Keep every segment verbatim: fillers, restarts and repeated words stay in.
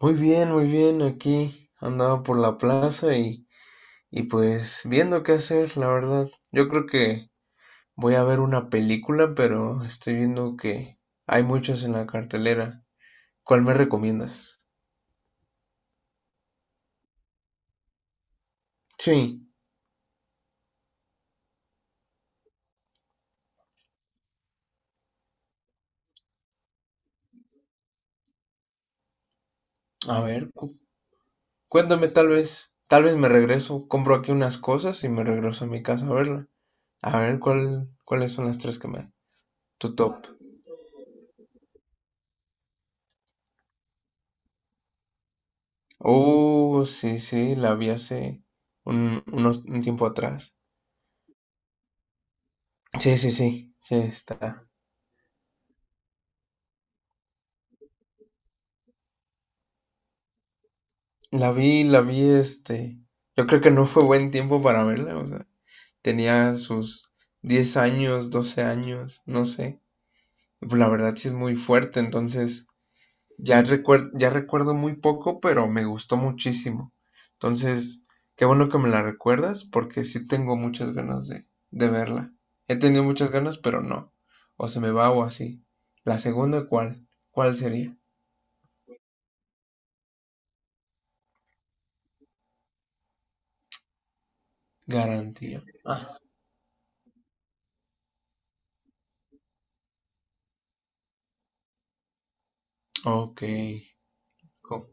Muy bien, muy bien. Aquí andaba por la plaza y, y pues viendo qué hacer, la verdad. Yo creo que voy a ver una película, pero estoy viendo que hay muchas en la cartelera. ¿Cuál me recomiendas? Sí, a ver, cu- cuéntame tal vez, tal vez me regreso, compro aquí unas cosas y me regreso a mi casa a verla. A ver, ¿cuál, ¿cuáles son las tres que me... Tu top. Oh, sí, sí, la vi hace un, unos, un tiempo atrás. Sí, sí, sí, sí, está. La vi, la vi, este, yo creo que no fue buen tiempo para verla, o sea, tenía sus diez años, doce años, no sé. La verdad sí es muy fuerte, entonces ya recuer- ya recuerdo muy poco, pero me gustó muchísimo. Entonces, qué bueno que me la recuerdas, porque sí tengo muchas ganas de, de verla. He tenido muchas ganas, pero no. O se me va o así. La segunda, ¿cuál? ¿Cuál sería? Garantía. Ah, ok. Co-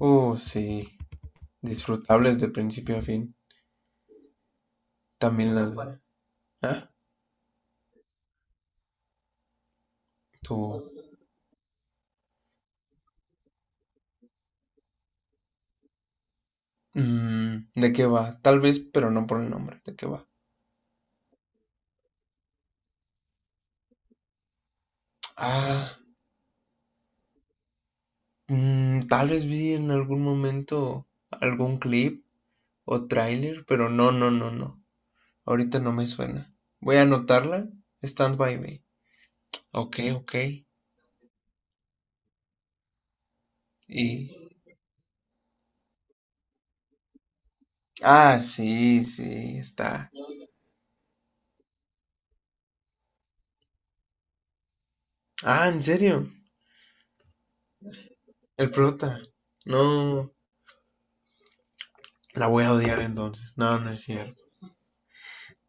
Uh, sí. Disfrutables de principio a fin. También la... ¿Ah? Tu... Mm, ¿de qué va? Tal vez, pero no por el nombre. ¿De qué va? Ah, mm, tal vez vi en algún momento algún clip o tráiler, pero no, no, no, no. Ahorita no me suena. Voy a anotarla. Stand by me. Ok, ok. Y... Ah, sí, sí, está. Ah, ¿en serio? El prota. No, la voy a odiar entonces. No, no es cierto.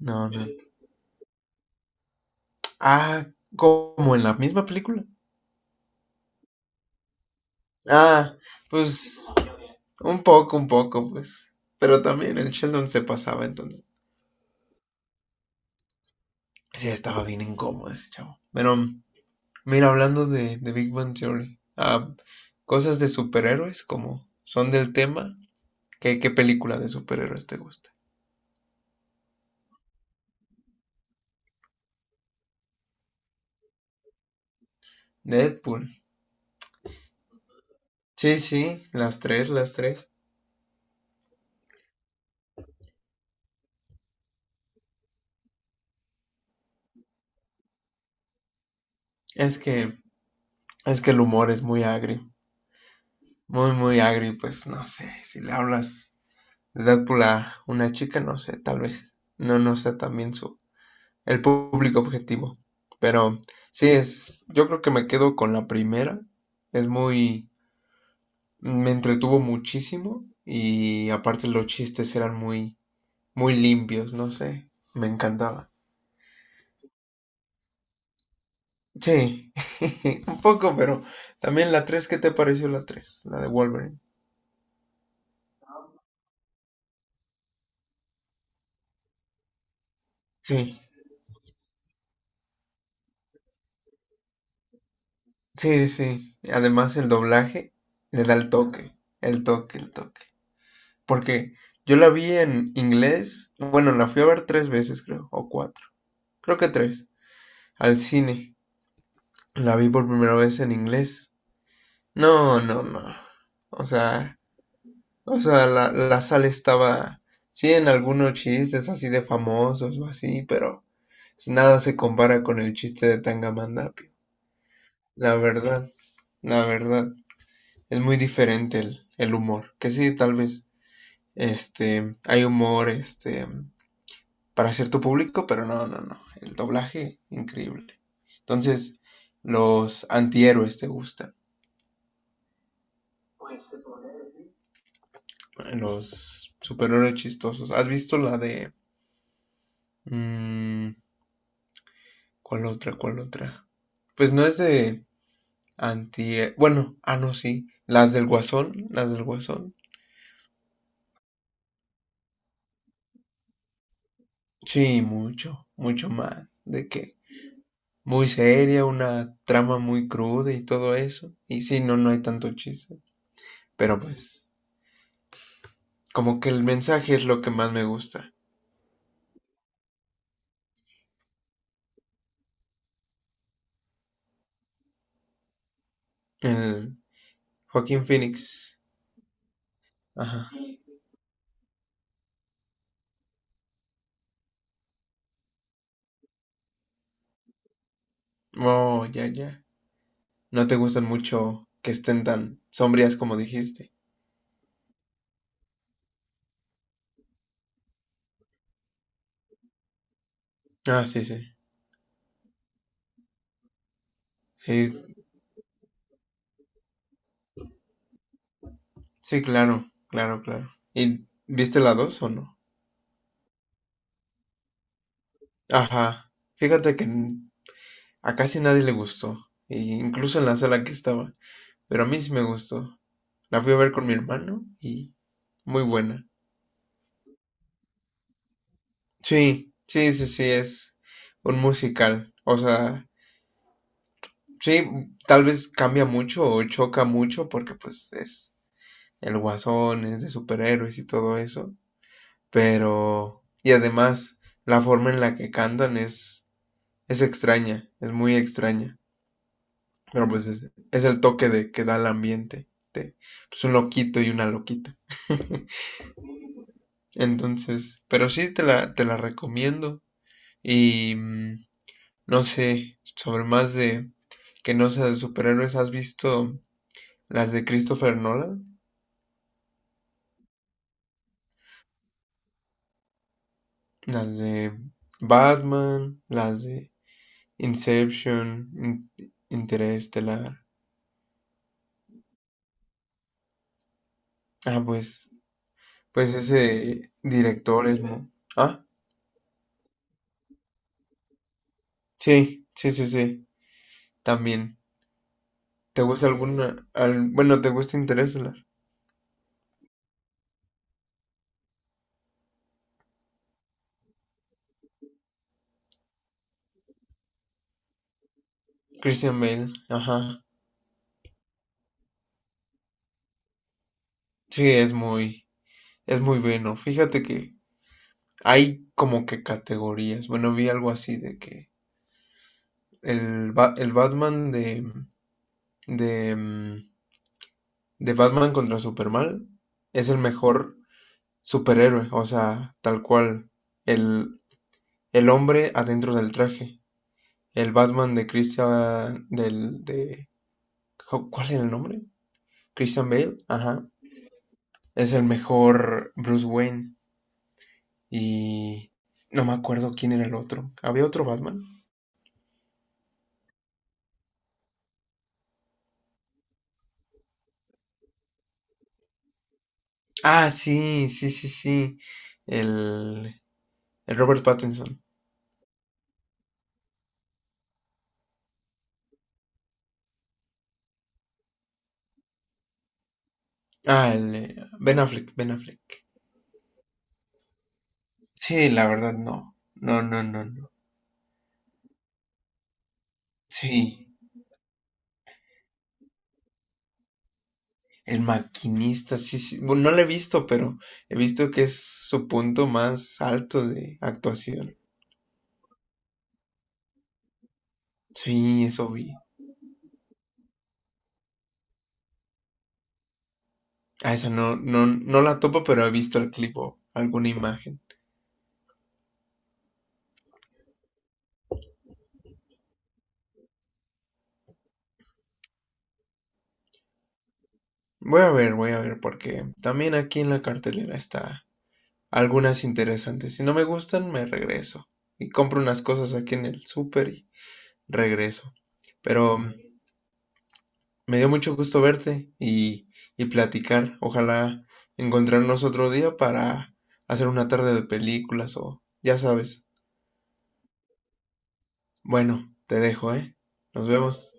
No, no. Ah, como en la misma película. Ah, pues un poco, un poco, pues. Pero también el Sheldon se pasaba entonces. Sí, estaba bien incómodo ese chavo. Pero, mira, hablando de, de Big Bang Theory, ah, cosas de superhéroes, como son del tema, ¿qué, ¿qué película de superhéroes te gusta? Deadpool. Sí, sí, las tres, las tres. Es que, es que el humor es muy agrio. Muy, muy agrio, pues no sé, si le hablas edad para una chica no sé, tal vez, no, no sea también su, el público objetivo. Pero sí, es, yo creo que me quedo con la primera. Es muy, me entretuvo muchísimo y aparte los chistes eran muy, muy limpios, no sé, me encantaba. Sí, un poco, pero también la tres, ¿qué te pareció la tres? La de Wolverine. Sí, sí, sí. Además el doblaje le da el toque, el toque, el toque. Porque yo la vi en inglés, bueno, la fui a ver tres veces, creo, o cuatro, creo que tres, al cine. La vi por primera vez en inglés. No, no, no. O sea, o sea, la, la sala estaba, sí, en algunos chistes así de famosos o así, pero nada se compara con el chiste de Tangamandapio. La verdad, la verdad, es muy diferente el, el humor. Que sí, tal vez, este, hay humor, este, para cierto público, pero no, no, no. El doblaje, increíble. Entonces, los antihéroes te gustan. Los superhéroes chistosos. ¿Has visto la de... mm, ¿cuál otra? ¿Cuál otra? Pues no es de anti... Bueno, ah, no, sí. Las del Guasón, las del Guasón. Sí, mucho, mucho más. De que muy seria, una trama muy cruda y todo eso. Y sí, no, no hay tanto chiste. Pero pues, como que el mensaje es lo que más me gusta. El Joaquin Phoenix. Ajá. Oh, ya, ya. No te gustan mucho que estén tan sombrías como dijiste. Ah, sí, sí. Sí, sí, claro, claro, claro. ¿Y viste la dos o no? Ajá. Fíjate que n- a casi nadie le gustó, e incluso en la sala que estaba, pero a mí sí me gustó. La fui a ver con mi hermano y muy buena. Sí, sí, sí, sí, es un musical. O sea, sí, tal vez cambia mucho o choca mucho porque pues es el guasón, es de superhéroes y todo eso, pero... Y además, la forma en la que cantan es, es extraña, es muy extraña, pero pues es, es el toque de que da el ambiente, de pues, un loquito y una loquita. Entonces, pero sí te la, te la recomiendo y mm, no sé, sobre más de que no sea de superhéroes, ¿has visto las de Christopher Nolan? Las de Batman, las de Inception, In- Interestelar. Ah, pues, pues ese director es muy... Ah, sí, sí, sí, sí, también. ¿Te gusta alguna? al- Bueno, ¿te gusta Interestelar? Christian Bale, ajá. Sí, es muy, es muy bueno. Fíjate que hay como que categorías. Bueno, vi algo así de que el, Ba- el Batman de, de, mm, de Batman contra Superman es el mejor superhéroe, o sea, tal cual, el, el hombre adentro del traje. El Batman de Christian, del, de, ¿cuál era el nombre? Christian Bale, ajá. Es el mejor Bruce Wayne y no me acuerdo quién era el otro. ¿Había otro Batman? Ah, sí, sí, sí, sí. El, el Robert Pattinson. Ah, el eh, Ben Affleck, Ben Affleck. Sí, la verdad no. No, no, no, no. Sí, el maquinista, sí, sí. Bueno, no lo he visto, pero he visto que es su punto más alto de actuación. Sí, eso vi. Ah, esa no, no, no la topo, pero he visto el clip o alguna imagen. Voy a ver, voy a ver, porque también aquí en la cartelera está algunas interesantes. Si no me gustan, me regreso. Y compro unas cosas aquí en el súper y regreso. Pero me dio mucho gusto verte y, y platicar. Ojalá encontrarnos otro día para hacer una tarde de películas o ya sabes. Bueno, te dejo, ¿eh? Nos vemos.